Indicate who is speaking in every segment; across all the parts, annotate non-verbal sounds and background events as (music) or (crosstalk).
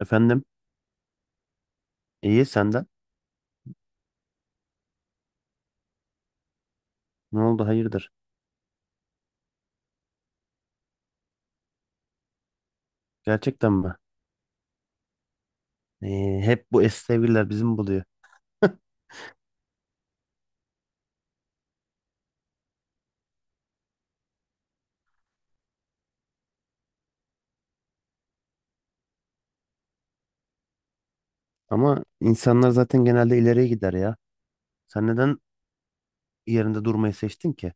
Speaker 1: Efendim, iyi senden. Ne oldu hayırdır? Gerçekten mi? Hep bu eski sevgililer bizim buluyor. Ama insanlar zaten genelde ileriye gider ya. Sen neden yerinde durmayı seçtin ki?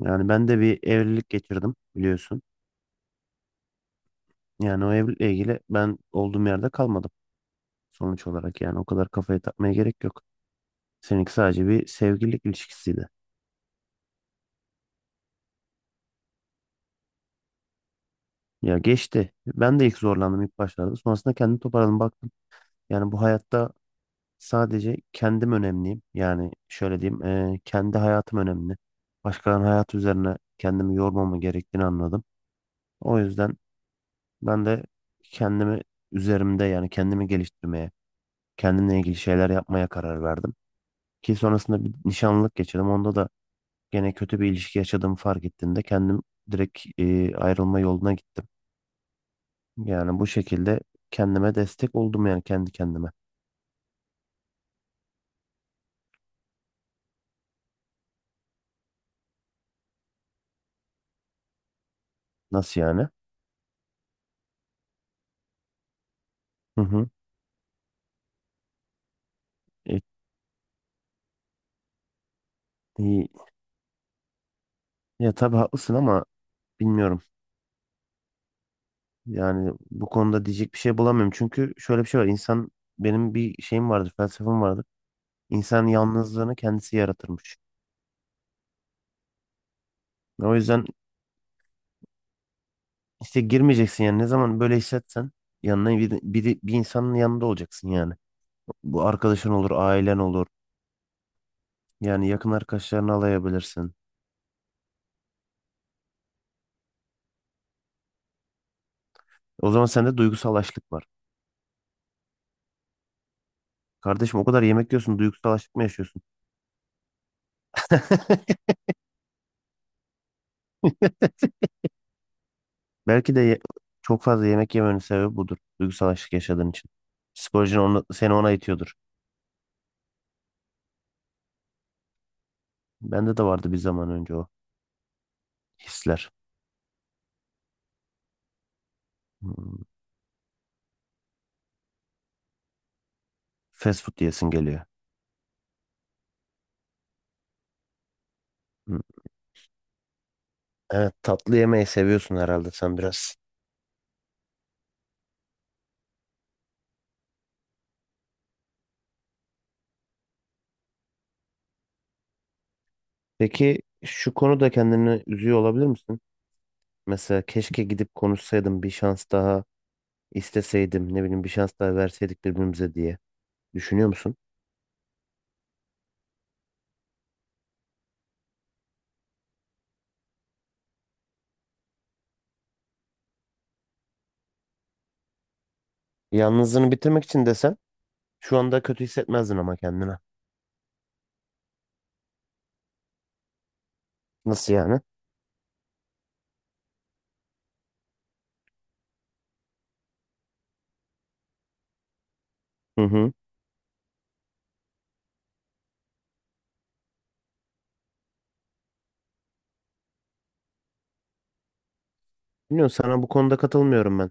Speaker 1: Yani ben de bir evlilik geçirdim biliyorsun. Yani o evlilikle ilgili ben olduğum yerde kalmadım sonuç olarak yani o kadar kafaya takmaya gerek yok. Seninki sadece bir sevgililik ilişkisiydi. Ya geçti. Ben de ilk zorlandım ilk başlarda. Sonrasında kendimi toparladım baktım. Yani bu hayatta sadece kendim önemliyim. Yani şöyle diyeyim, kendi hayatım önemli. Başkalarının hayatı üzerine kendimi yormama gerektiğini anladım. O yüzden ben de kendimi üzerimde yani kendimi geliştirmeye, kendimle ilgili şeyler yapmaya karar verdim. Ki sonrasında bir nişanlılık geçirdim. Onda da gene kötü bir ilişki yaşadığımı fark ettiğimde kendim direkt ayrılma yoluna gittim. Yani bu şekilde kendime destek oldum yani kendi kendime. Nasıl yani? Hı hı. E, iyi. Ya tabii haklısın ama bilmiyorum. Yani bu konuda diyecek bir şey bulamıyorum. Çünkü şöyle bir şey var. İnsan benim bir şeyim vardır, felsefem vardır. İnsan yalnızlığını kendisi yaratırmış. O yüzden işte girmeyeceksin yani. Ne zaman böyle hissetsen yanına bir insanın yanında olacaksın yani. Bu arkadaşın olur, ailen olur. Yani yakın arkadaşlarını alayabilirsin. O zaman sende duygusal açlık var. Kardeşim o kadar yemek yiyorsun, duygusal açlık mı yaşıyorsun? (laughs) Belki de ye- Çok fazla yemek yemenin sebebi budur. Duygusal açlık yaşadığın için. Psikolojin onu, seni ona itiyordur. Bende de vardı bir zaman önce o hisler. Hmm. Fast food diyesin geliyor. Hmm. Evet tatlı yemeyi seviyorsun herhalde sen biraz. Peki şu konuda kendini üzüyor olabilir misin? Mesela keşke gidip konuşsaydım bir şans daha isteseydim ne bileyim bir şans daha verseydik birbirimize diye düşünüyor musun? Yalnızlığını bitirmek için desen şu anda kötü hissetmezdin ama kendine. Nasıl yani? Hı hı. Bilmiyorum sana bu konuda katılmıyorum ben.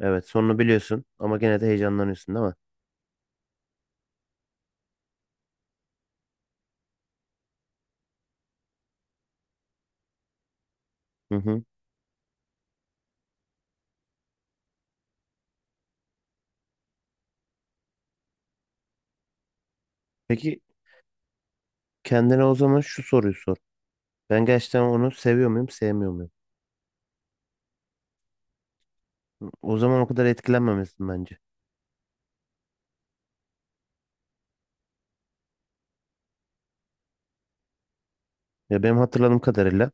Speaker 1: Evet sonunu biliyorsun ama gene de heyecanlanıyorsun değil mi? Hı hı. Peki kendine o zaman şu soruyu sor. Ben gerçekten onu seviyor muyum, sevmiyor muyum? O zaman o kadar etkilenmemesin bence. Ya benim hatırladığım kadarıyla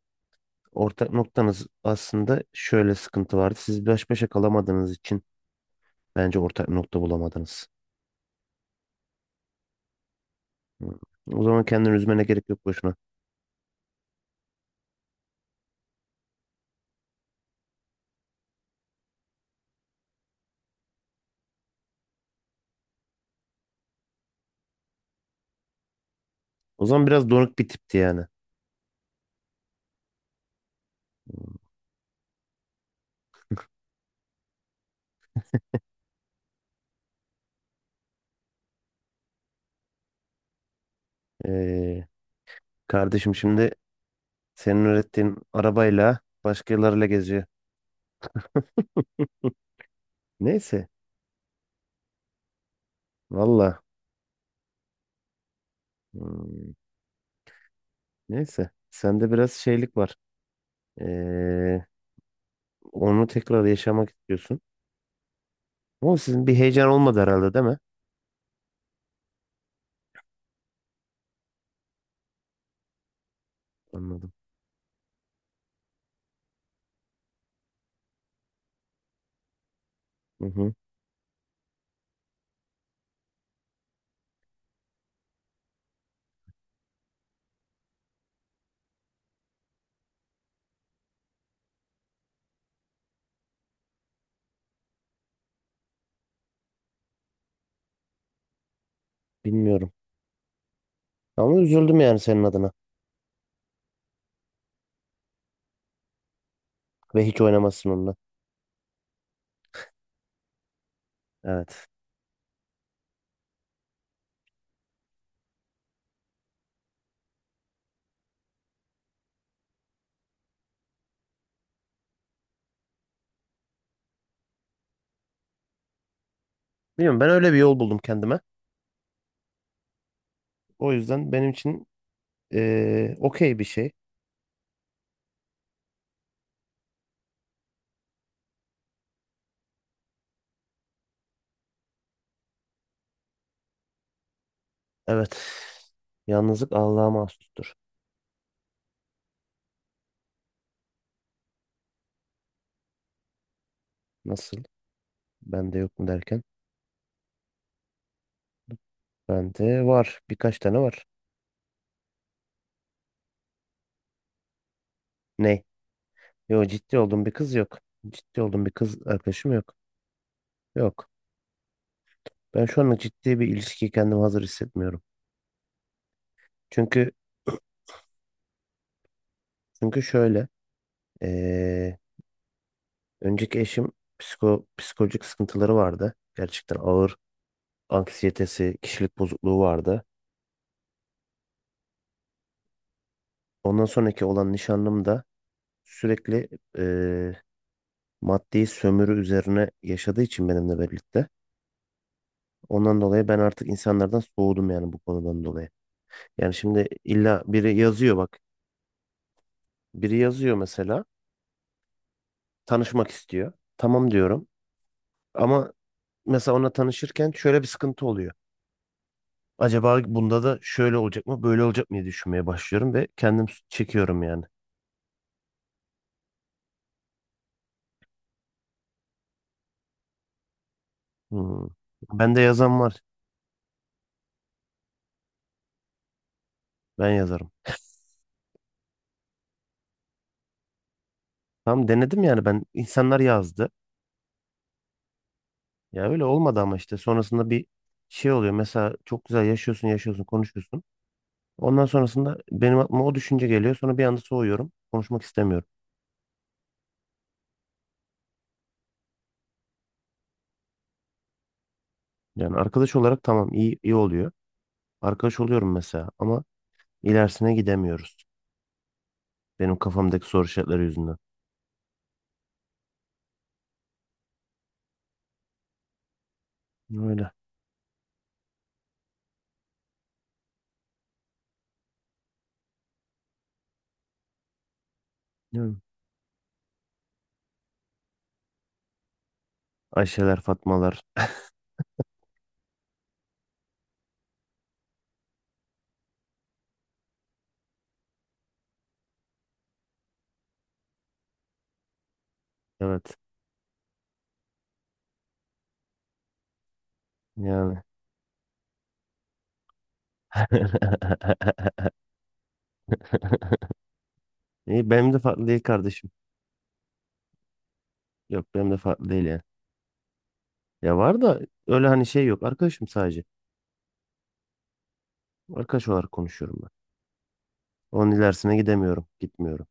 Speaker 1: ortak noktanız aslında şöyle sıkıntı vardı. Siz baş başa kalamadığınız için bence ortak nokta bulamadınız. Hmm. O zaman kendini üzmene gerek yok boşuna. O zaman biraz donuk bir tipti yani. Hmm. Ee, kardeşim şimdi senin öğrettiğin arabayla başkalarıyla geziyor. (laughs) Neyse. Valla. Hmm. Neyse. Sende biraz şeylik var. Ee, Onu tekrar yaşamak istiyorsun. Ama sizin bir heyecan olmadı herhalde değil mi? Anladım. Hı hı. Bilmiyorum. Ama üzüldüm yani senin adına. Ve hiç oynamazsın onunla. Evet. Bilmiyorum ben öyle bir yol buldum kendime. O yüzden benim için okey bir şey. Evet. Yalnızlık Allah'a mahsustur. Nasıl? Bende yok mu derken? Bende var. Birkaç tane var. Ne? Yok ciddi olduğum bir kız yok. Ciddi olduğum bir kız arkadaşım yok. Yok. Ben şu anda ciddi bir ilişkiye kendimi hazır hissetmiyorum. Çünkü çünkü şöyle. Ee, önceki eşim psikolojik sıkıntıları vardı. Gerçekten ağır anksiyetesi, kişilik bozukluğu vardı. Ondan sonraki olan nişanlım da sürekli ee, maddi sömürü üzerine yaşadığı için benimle birlikte. Ondan dolayı ben artık insanlardan soğudum yani bu konudan dolayı. Yani şimdi illa biri yazıyor bak. Biri yazıyor mesela tanışmak istiyor. Tamam diyorum. Ama mesela ona tanışırken şöyle bir sıkıntı oluyor. Acaba bunda da şöyle olacak mı, böyle olacak mı diye düşünmeye başlıyorum ve kendim çekiyorum yani. Hmm. Ben de yazan var. Ben yazarım. Tam denedim yani ben insanlar yazdı. Ya öyle olmadı ama işte sonrasında bir şey oluyor. Mesela çok güzel yaşıyorsun, yaşıyorsun, konuşuyorsun. Ondan sonrasında benim aklıma o düşünce geliyor. Sonra bir anda soğuyorum. Konuşmak istemiyorum. Yani arkadaş olarak tamam iyi iyi oluyor. Arkadaş oluyorum mesela ama ilerisine gidemiyoruz. Benim kafamdaki soru işaretleri yüzünden. Öyle. Değil mi? Ayşeler, Fatmalar. Evet. Yani. (laughs) İyi, benim de farklı değil kardeşim. Yok benim de farklı değil yani. Ya var da öyle hani şey yok. Arkadaşım sadece. Arkadaş olarak konuşuyorum ben. Onun ilerisine gidemiyorum. Gitmiyorum.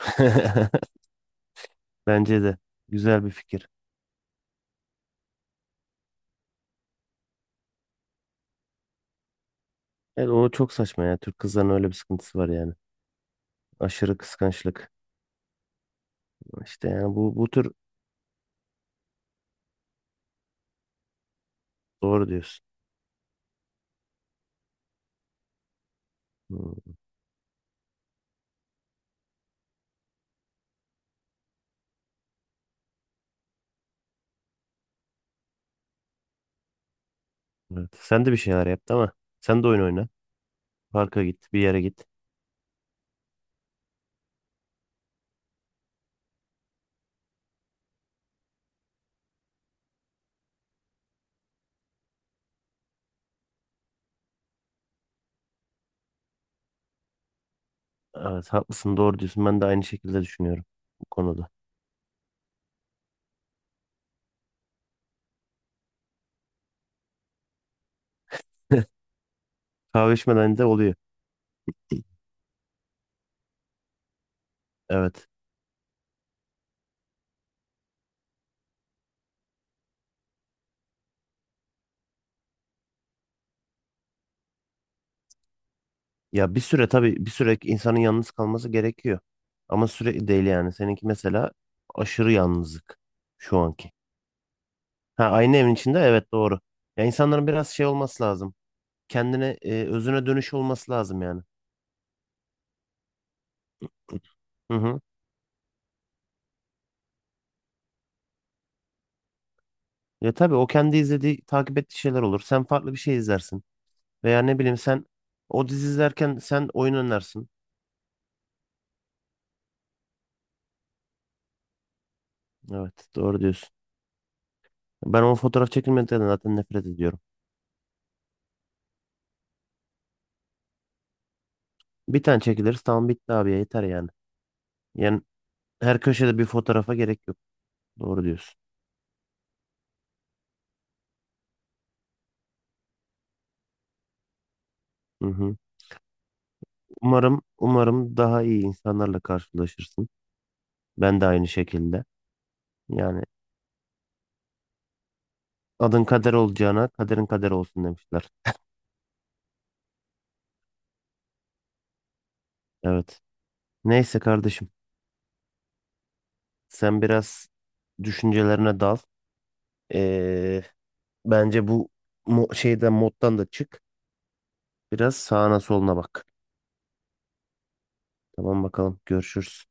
Speaker 1: (laughs) Bence de. Güzel bir fikir. Evet, o çok saçma ya. Türk kızların öyle bir sıkıntısı var yani. Aşırı kıskançlık. İşte yani bu tür doğru diyorsun. Hmm, evet. Sen de bir şeyler yap ama sen de oyun oyna. Parka git, bir yere git. Evet, haklısın, doğru diyorsun. Ben de aynı şekilde düşünüyorum bu konuda. Kahve içmeden de oluyor. Evet. Ya bir süre tabii bir süre insanın yalnız kalması gerekiyor. Ama sürekli değil yani. Seninki mesela aşırı yalnızlık şu anki. Ha aynı evin içinde evet doğru. Ya insanların biraz şey olması lazım. Kendine özüne dönüş olması lazım yani. Hı hı. Ya tabii o kendi izlediği, takip ettiği şeyler olur. Sen farklı bir şey izlersin. Veya ne bileyim sen o dizi izlerken sen oyun oynarsın. Evet doğru diyorsun. Ben o fotoğraf çekilmeden zaten nefret ediyorum. Bir tane çekiliriz tamam bitti abi ya, yeter yani. Yani her köşede bir fotoğrafa gerek yok. Doğru diyorsun. Hı hı. Umarım, umarım daha iyi insanlarla karşılaşırsın. Ben de aynı şekilde. Yani adın kader olacağına kaderin kader olsun demişler. Evet. Neyse kardeşim. Sen biraz düşüncelerine dal. Ee, bence bu şeyden moddan da çık. Biraz sağına soluna bak. Tamam bakalım. Görüşürüz.